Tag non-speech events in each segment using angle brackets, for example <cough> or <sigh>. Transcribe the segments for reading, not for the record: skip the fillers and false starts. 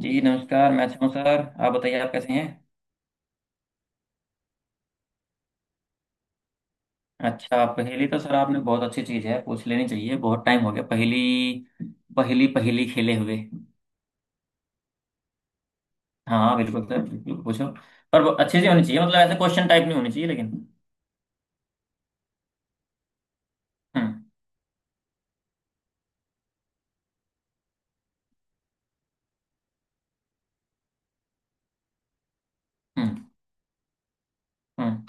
जी नमस्कार। मैं अच्छा हूँ सर। आप बताइए, आप कैसे हैं? अच्छा, पहेली तो सर आपने बहुत अच्छी चीज़ है, पूछ लेनी चाहिए। बहुत टाइम हो गया पहेली पहेली पहेली खेले हुए। हाँ बिल्कुल सर, बिल्कुल पूछो। पर वो अच्छी सी होनी चाहिए, मतलब ऐसे क्वेश्चन टाइप नहीं होनी चाहिए, लेकिन। हम्म। हम्म। हम्म।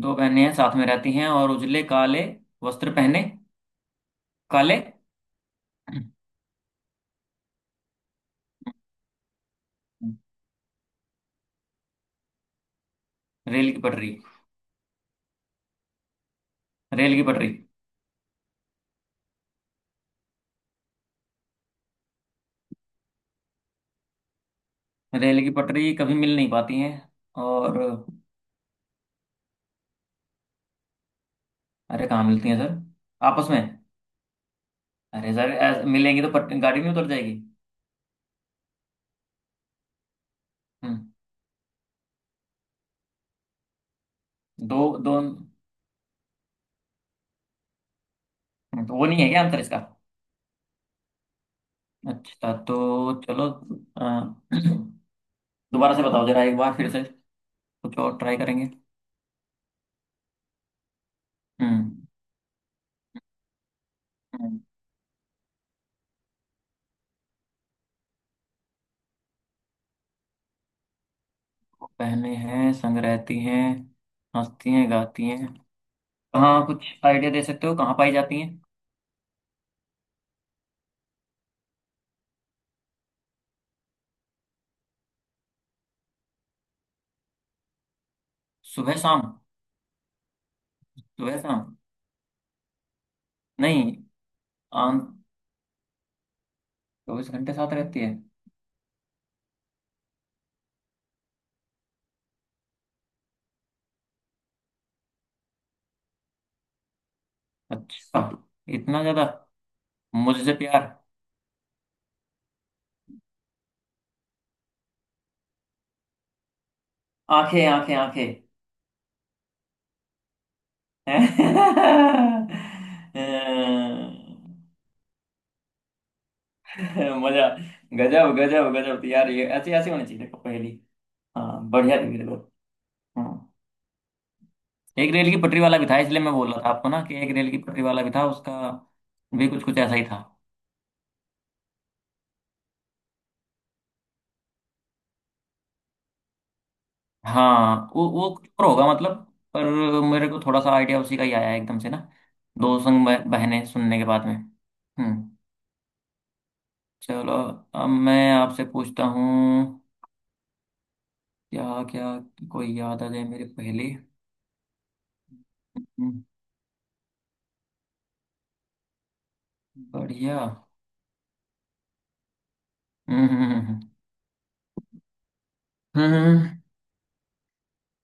दो बहनें हैं, साथ में रहती हैं, और उजले काले वस्त्र पहने। काले। रेल की पटरी। रेल की पटरी। रेल की पटरी कभी मिल नहीं पाती हैं। और? अरे कहाँ मिलती हैं सर? आपस में? अरे सर, ऐस- मिलेंगी तो पट, गाड़ी नहीं उतर जाएगी। हम्म। दो दो तो वो नहीं है क्या आंसर इसका? अच्छा, तो चलो। अ, <clears throat> दोबारा से बताओ जरा, एक बार फिर से। कुछ और ट्राई करेंगे। हम्म। हम्म, वो पहने हैं, संग रहती हैं, हंसती हैं, गाती हैं। कहाँ? कुछ आइडिया दे सकते हो, कहाँ पाई जाती हैं? सुबह शाम। सुबह शाम। नहीं। आन। 24 घंटे साथ रहती है? अच्छा, इतना ज्यादा मुझसे प्यार? आंखें! आंखें! आंखें! <laughs> मजा। गजब गजब गजब यार, ये ऐसी ऐसी होनी चाहिए देखो पहेली। हाँ बढ़िया थी मेरे को। हाँ, एक रेल की पटरी वाला भी था, इसलिए मैं बोल रहा था आपको ना, कि एक रेल की पटरी वाला भी था, उसका भी कुछ कुछ ऐसा ही था। हाँ वो कुछ और होगा, मतलब। पर मेरे को थोड़ा सा आइडिया उसी का ही आया एकदम से ना, दो संग बह- बहनें सुनने के बाद में। हम्म। चलो अब मैं आपसे पूछता हूँ। क्या क्या कोई याद आ जाए मेरे पहले। बढ़िया। हम्म हम्म हम्म हम्म। हम्म, हम्म, हम्म।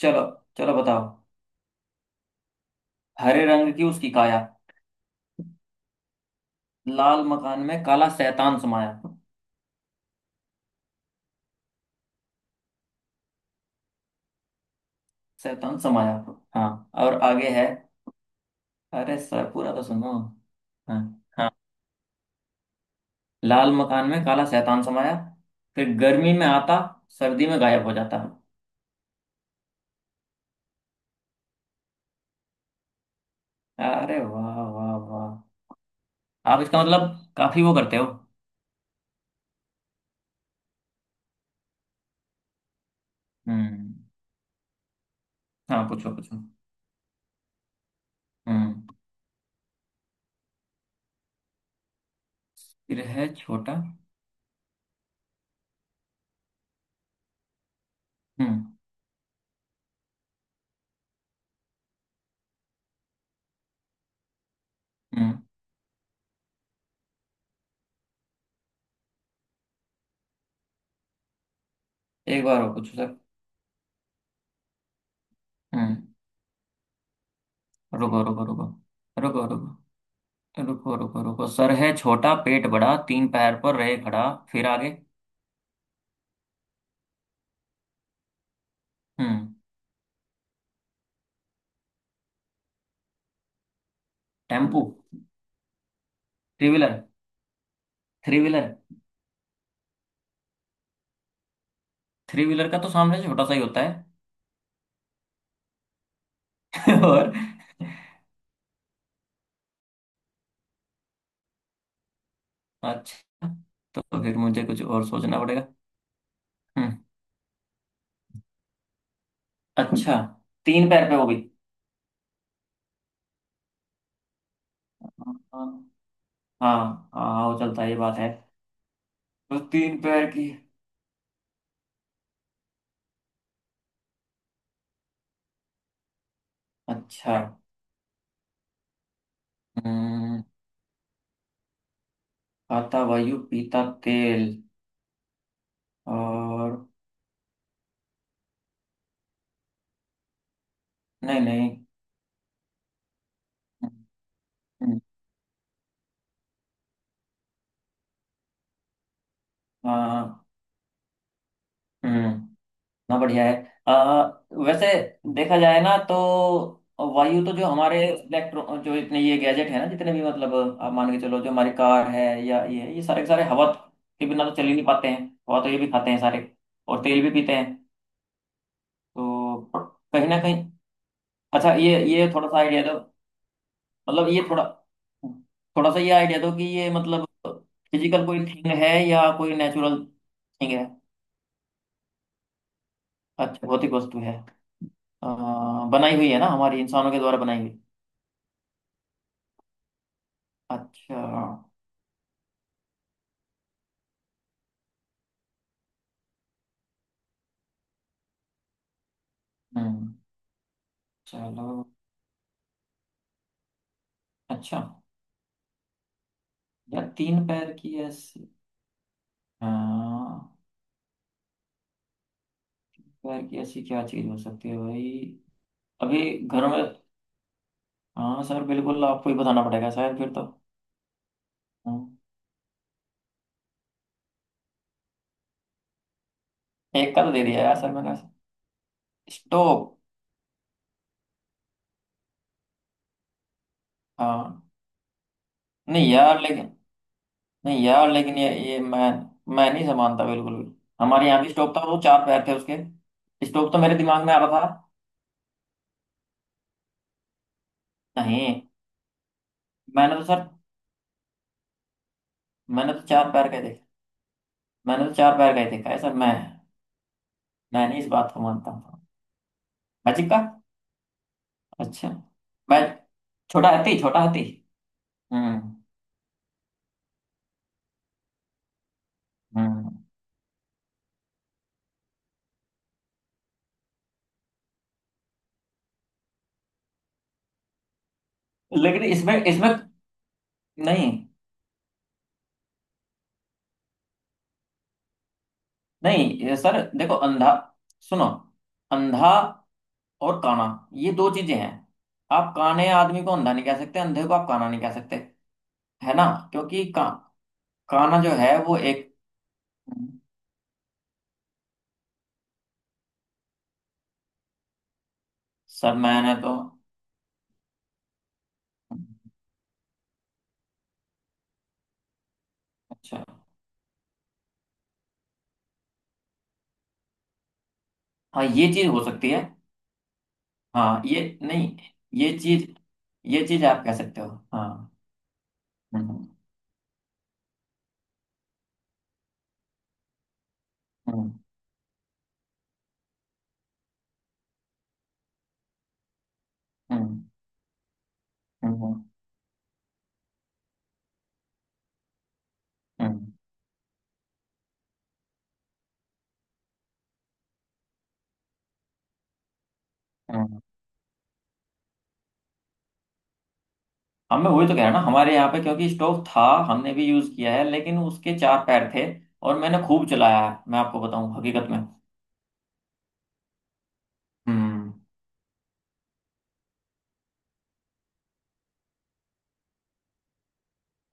चलो। चलो बताओ। हरे रंग की उसकी काया, लाल मकान में काला शैतान समाया। शैतान समाया? हाँ, और आगे है। अरे सर, पूरा तो सुनो। हाँ हाँ। लाल मकान में काला शैतान समाया, फिर गर्मी में आता, सर्दी में गायब हो जाता। अरे वाह वाह वाह! आप इसका मतलब काफी वो करते हो। हम्म। हाँ पूछो पूछो। हम्म। फिर है छोटा। हम्म। हम्म। एक बार और पूछो सर। हम्म। रुको रुको रुको। रुको रुको। रुको रुको रुको। सर है छोटा, पेट बड़ा, 3 पैर पर रहे खड़ा। फिर आगे? हम्म। Tempo. Three wheeler. Three wheeler. Three wheeler का तो सामने छोटा सा ही होता है। <laughs> और? अच्छा, तो फिर मुझे कुछ और सोचना पड़ेगा। हम्म। अच्छा, 3 पैर पे वो भी। हाँ हाँ हाँ, वो चलता है, ये बात है। तो 3 पैर की। अच्छा। हम्म। खाता वायु, पीता तेल। और? नहीं नहीं। आ, हम्म, ना बढ़िया है। आ, वैसे देखा जाए ना तो, वायु तो जो हमारे इलेक्ट्रो जो इतने ये गैजेट है ना जितने भी, मतलब, आप मान के चलो जो हमारी कार है या ये सारे के सारे हवा के बिना तो चल ही नहीं पाते हैं। हवा तो ये भी खाते हैं सारे, और तेल भी पीते हैं। तो कहीं ना कहीं। अच्छा, ये थोड़ा सा आइडिया दो, मतलब ये थोड़ा, थोड़ा सा ये आइडिया दो, कि ये मतलब फिजिकल कोई थिंग है या कोई नेचुरल थिंग है? अच्छा, भौतिक वस्तु है। अ, बनाई हुई है ना, हमारी इंसानों के द्वारा बनाई हुई? अच्छा। हम्म। चलो। अच्छा। यार तीन पैर की ऐसी, हाँ, पैर की ऐसी क्या चीज हो सकती है भाई? अभी घर में? हाँ सर, बिल्कुल आपको ही बताना पड़ेगा शायद फिर तो। हम्म, एक का तो दे दिया यार सर मैंने। स्टोव? हाँ। नहीं यार लेकिन। नहीं यार लेकिन ये मैं नहीं समानता बिल्कुल भी। हमारे यहाँ भी स्टोव था, वो 4 पैर थे उसके। स्टोव तो मेरे दिमाग में आ रहा था। नहीं। मैंने तो सर, मैंने तो 4 पैर का ही देखा। मैंने तो चार पैर का ही देखा है सर। मैं नहीं इस बात को मानता हूँ। मैजिक का? अच्छा। मैं, छोटा हाथी छोटा हाथी। हम्म। हम्म। लेकिन इसमें इसमें, नहीं नहीं, ये सर देखो, अंधा, सुनो, अंधा और काना, ये दो चीजें हैं। आप काने आदमी को अंधा नहीं कह सकते, अंधे को आप काना नहीं कह सकते, है ना? क्योंकि का-, काना जो है वो एक। सर मैंने तो। अच्छा। हाँ, ये चीज हो सकती है। हाँ ये नहीं। ये चीज, ये चीज आप कह सकते हो। हाँ। हम्म हम्म हम्म, हम्म हम्म हम्म। हाँ मैं वही तो कह रहा ना, हमारे यहाँ पे क्योंकि स्टोव था, हमने भी यूज किया है, लेकिन उसके 4 पैर थे। और मैंने खूब चलाया है, मैं आपको बताऊं, हकीकत में। हम्म।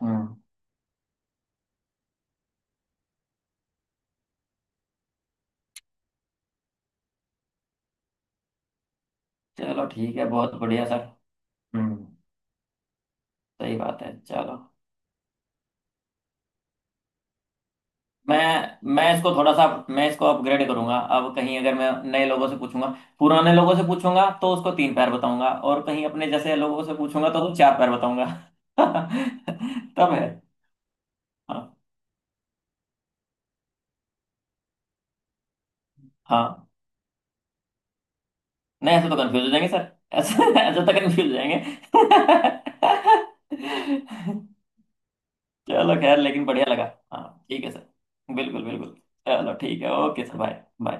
हम्म। चलो ठीक है, बहुत बढ़िया सर। हम्म। सही बात है, चलो। मैं मैं इसको थोड़ा सा, मैं इसको अपग्रेड करूंगा। अब कहीं अगर मैं नए लोगों से पूछूंगा, पुराने लोगों से पूछूंगा तो उसको 3 पैर बताऊंगा, और कहीं अपने जैसे लोगों से पूछूंगा तो उसको 4 पैर बताऊंगा। <laughs> तब है। हाँ। हाँ। नहीं ऐसे तो कंफ्यूज हो जाएंगे सर, <laughs> ऐसे ऐसे तो कंफ्यूज हो जाएंगे। <laughs> चलो खैर, लेकिन बढ़िया लगा। हाँ ठीक है सर। बिल्कुल बिल्कुल। चलो ठीक है, ओके सर, बाय बाय।